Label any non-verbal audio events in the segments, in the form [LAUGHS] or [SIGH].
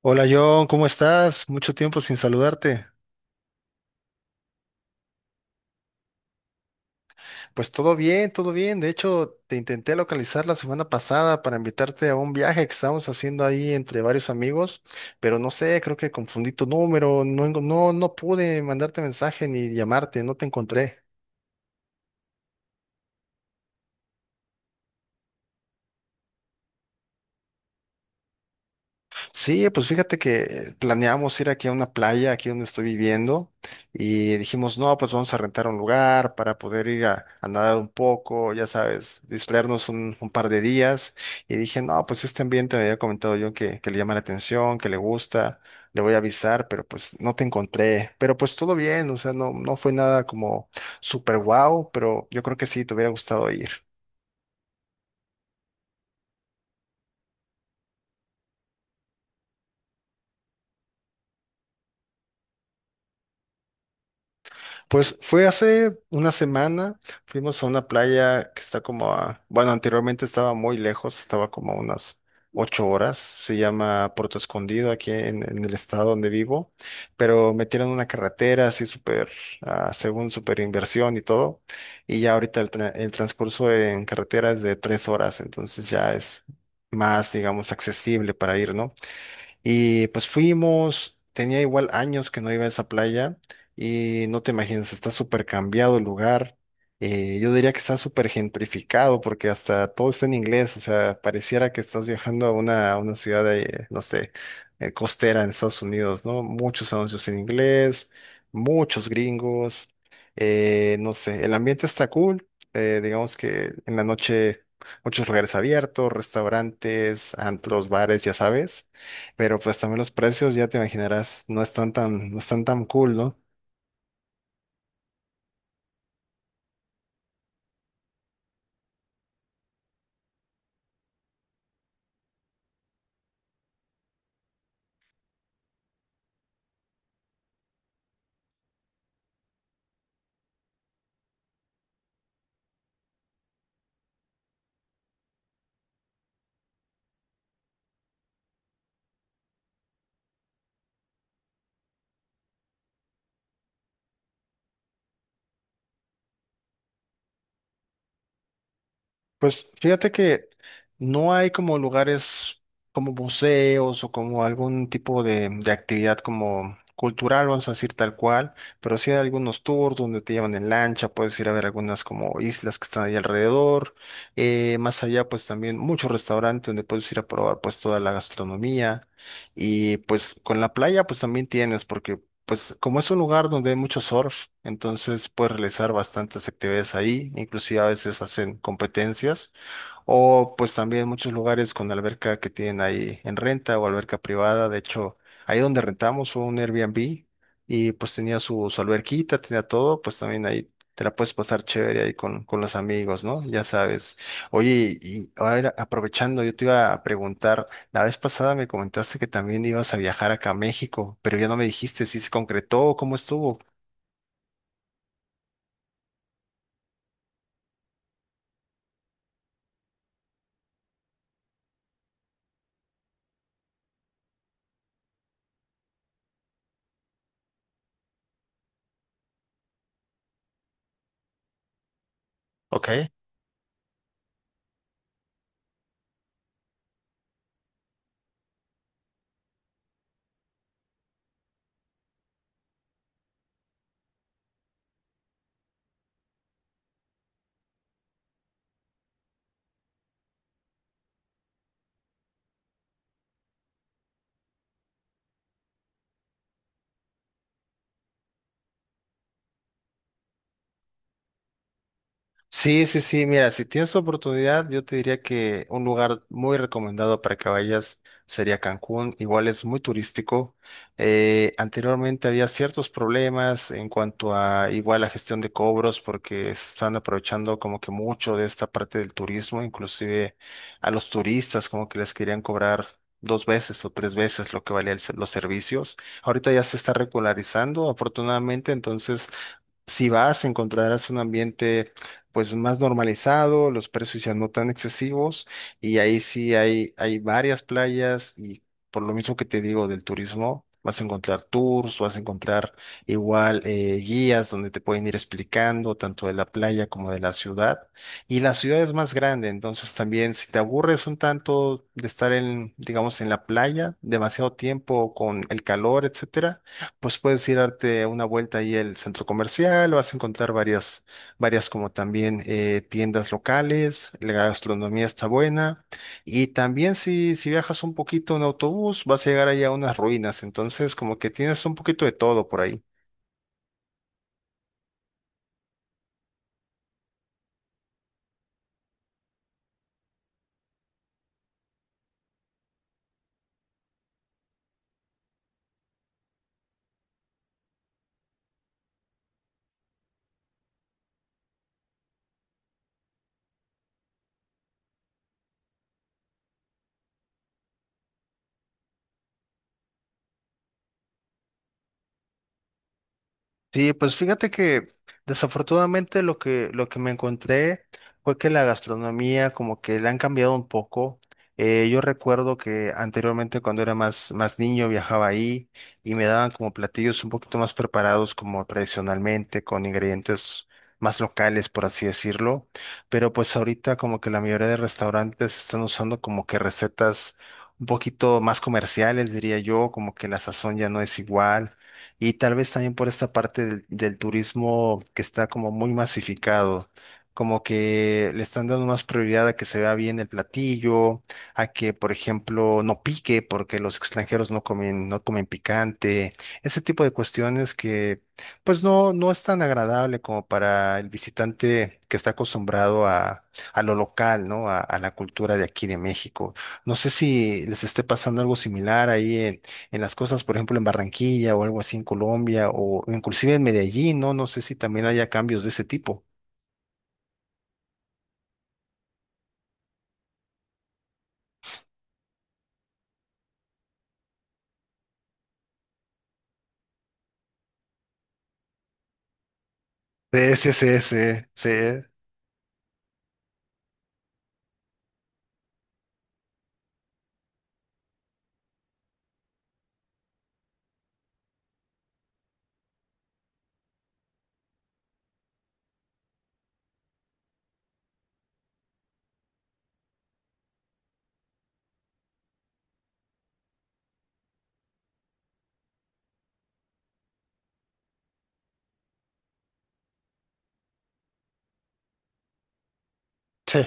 Hola John, ¿cómo estás? Mucho tiempo sin saludarte. Pues todo bien, todo bien. De hecho, te intenté localizar la semana pasada para invitarte a un viaje que estábamos haciendo ahí entre varios amigos, pero no sé, creo que confundí tu número, no, no pude mandarte mensaje ni llamarte, no te encontré. Sí, pues fíjate que planeamos ir aquí a una playa, aquí donde estoy viviendo, y dijimos, no, pues vamos a rentar un lugar para poder ir a nadar un poco, ya sabes, distraernos un par de días. Y dije, no, pues este ambiente me había comentado yo que le llama la atención, que le gusta, le voy a avisar, pero pues no te encontré. Pero pues todo bien, o sea, no fue nada como super wow, pero yo creo que sí, te hubiera gustado ir. Pues fue hace una semana, fuimos a una playa que está como a, bueno, anteriormente estaba muy lejos, estaba como a unas 8 horas, se llama Puerto Escondido aquí en el estado donde vivo, pero metieron una carretera así súper, según súper inversión y todo, y ya ahorita el, el transcurso en carretera es de 3 horas, entonces ya es más, digamos, accesible para ir, ¿no? Y pues fuimos, tenía igual años que no iba a esa playa y no te imaginas, está súper cambiado el lugar. Yo diría que está súper gentrificado porque hasta todo está en inglés, o sea, pareciera que estás viajando a una ciudad de, no sé, costera en Estados Unidos, ¿no? Muchos anuncios en inglés, muchos gringos, no sé, el ambiente está cool, digamos que en la noche muchos lugares abiertos, restaurantes, antros, bares, ya sabes. Pero pues también los precios, ya te imaginarás, no están tan, no están tan cool, ¿no? Pues fíjate que no hay como lugares como museos o como algún tipo de actividad como cultural, vamos a decir tal cual, pero sí hay algunos tours donde te llevan en lancha, puedes ir a ver algunas como islas que están ahí alrededor. Más allá, pues también muchos restaurantes donde puedes ir a probar pues toda la gastronomía. Y pues con la playa, pues también tienes, porque pues como es un lugar donde hay mucho surf, entonces puedes realizar bastantes actividades ahí, inclusive a veces hacen competencias. O pues también muchos lugares con alberca que tienen ahí en renta o alberca privada. De hecho, ahí donde rentamos fue un Airbnb y pues tenía su, su alberquita, tenía todo, pues también ahí te la puedes pasar chévere ahí con los amigos, ¿no? Ya sabes. Oye, y ahora aprovechando, yo te iba a preguntar, la vez pasada me comentaste que también ibas a viajar acá a México, pero ya no me dijiste si se concretó o cómo estuvo. Ok. Sí, sí, sí, mira, si tienes oportunidad, yo te diría que un lugar muy recomendado para que vayas sería Cancún, igual es muy turístico. Anteriormente había ciertos problemas en cuanto a igual la gestión de cobros porque se están aprovechando como que mucho de esta parte del turismo, inclusive a los turistas como que les querían cobrar 2 veces o 3 veces lo que valían los servicios. Ahorita ya se está regularizando, afortunadamente, entonces si vas, encontrarás un ambiente pues más normalizado, los precios ya no tan excesivos y ahí sí hay varias playas y por lo mismo que te digo del turismo, vas a encontrar tours, vas a encontrar igual guías donde te pueden ir explicando tanto de la playa como de la ciudad. Y la ciudad es más grande, entonces también si te aburres un tanto de estar en, digamos, en la playa demasiado tiempo con el calor, etcétera, pues puedes ir a darte una vuelta ahí al centro comercial, vas a encontrar varias, varias como también tiendas locales, la gastronomía está buena y también si, si viajas un poquito en autobús vas a llegar ahí a unas ruinas, entonces como que tienes un poquito de todo por ahí. Sí, pues fíjate que desafortunadamente lo que me encontré fue que la gastronomía como que le han cambiado un poco. Yo recuerdo que anteriormente cuando era más, más niño viajaba ahí y me daban como platillos un poquito más preparados como tradicionalmente, con ingredientes más locales, por así decirlo. Pero pues ahorita como que la mayoría de restaurantes están usando como que recetas un poquito más comerciales, diría yo, como que la sazón ya no es igual y tal vez también por esta parte del turismo que está como muy masificado, como que le están dando más prioridad a que se vea bien el platillo, a que, por ejemplo, no pique porque los extranjeros no comen, no comen picante, ese tipo de cuestiones que pues no, no es tan agradable como para el visitante que está acostumbrado a lo local, ¿no? A la cultura de aquí de México. No sé si les esté pasando algo similar ahí en las cosas, por ejemplo, en Barranquilla o algo así en Colombia o inclusive en Medellín, ¿no? No sé si también haya cambios de ese tipo. Sí, sí, sí, sí, sí. Sí.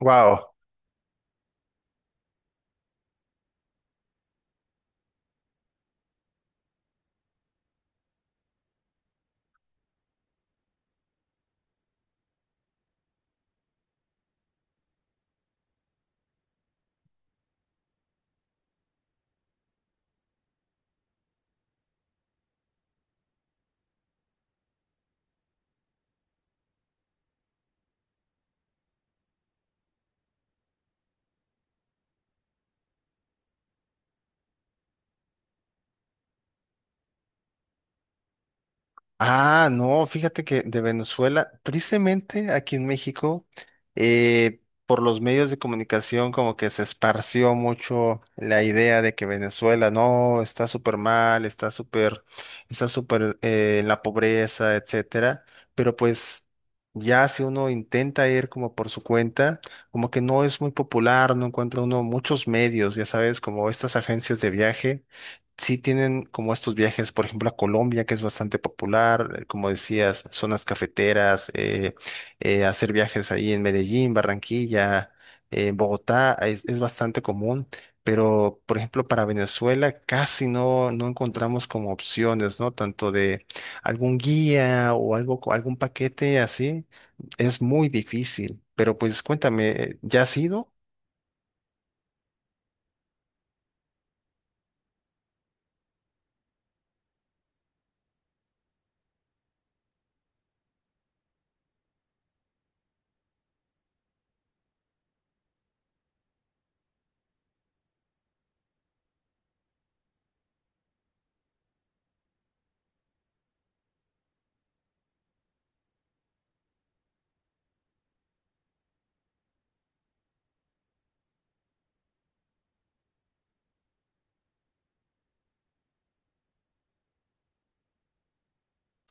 Wow. [LAUGHS] Ah, no, fíjate que de Venezuela, tristemente aquí en México, por los medios de comunicación como que se esparció mucho la idea de que Venezuela no está súper mal, está súper en la pobreza, etcétera. Pero pues ya si uno intenta ir como por su cuenta, como que no es muy popular, no encuentra uno muchos medios, ya sabes, como estas agencias de viaje sí tienen como estos viajes, por ejemplo, a Colombia, que es bastante popular, como decías, zonas cafeteras, hacer viajes ahí en Medellín, Barranquilla, en Bogotá, es bastante común, pero, por ejemplo, para Venezuela casi no, no encontramos como opciones, ¿no? Tanto de algún guía o algo, algún paquete así, es muy difícil, pero pues cuéntame, ¿ya has ido?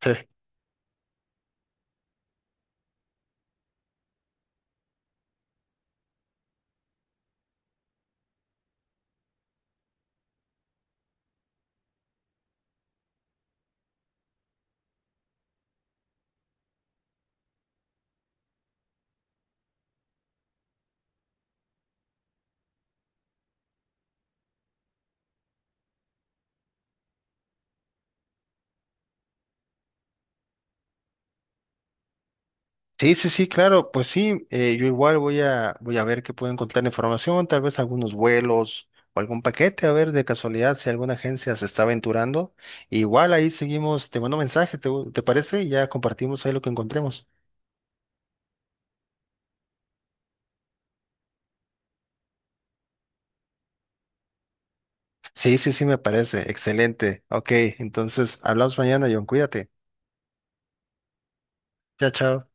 [LAUGHS] Sí, sí, sí, claro, pues sí, yo igual voy a, voy a ver qué puedo encontrar información, tal vez algunos vuelos o algún paquete, a ver de casualidad si alguna agencia se está aventurando. Igual ahí seguimos, te mando mensaje, ¿te, te parece? Y ya compartimos ahí lo que encontremos. Sí, sí, sí, me parece, excelente. Ok, entonces hablamos mañana, John, cuídate. Chao, chao.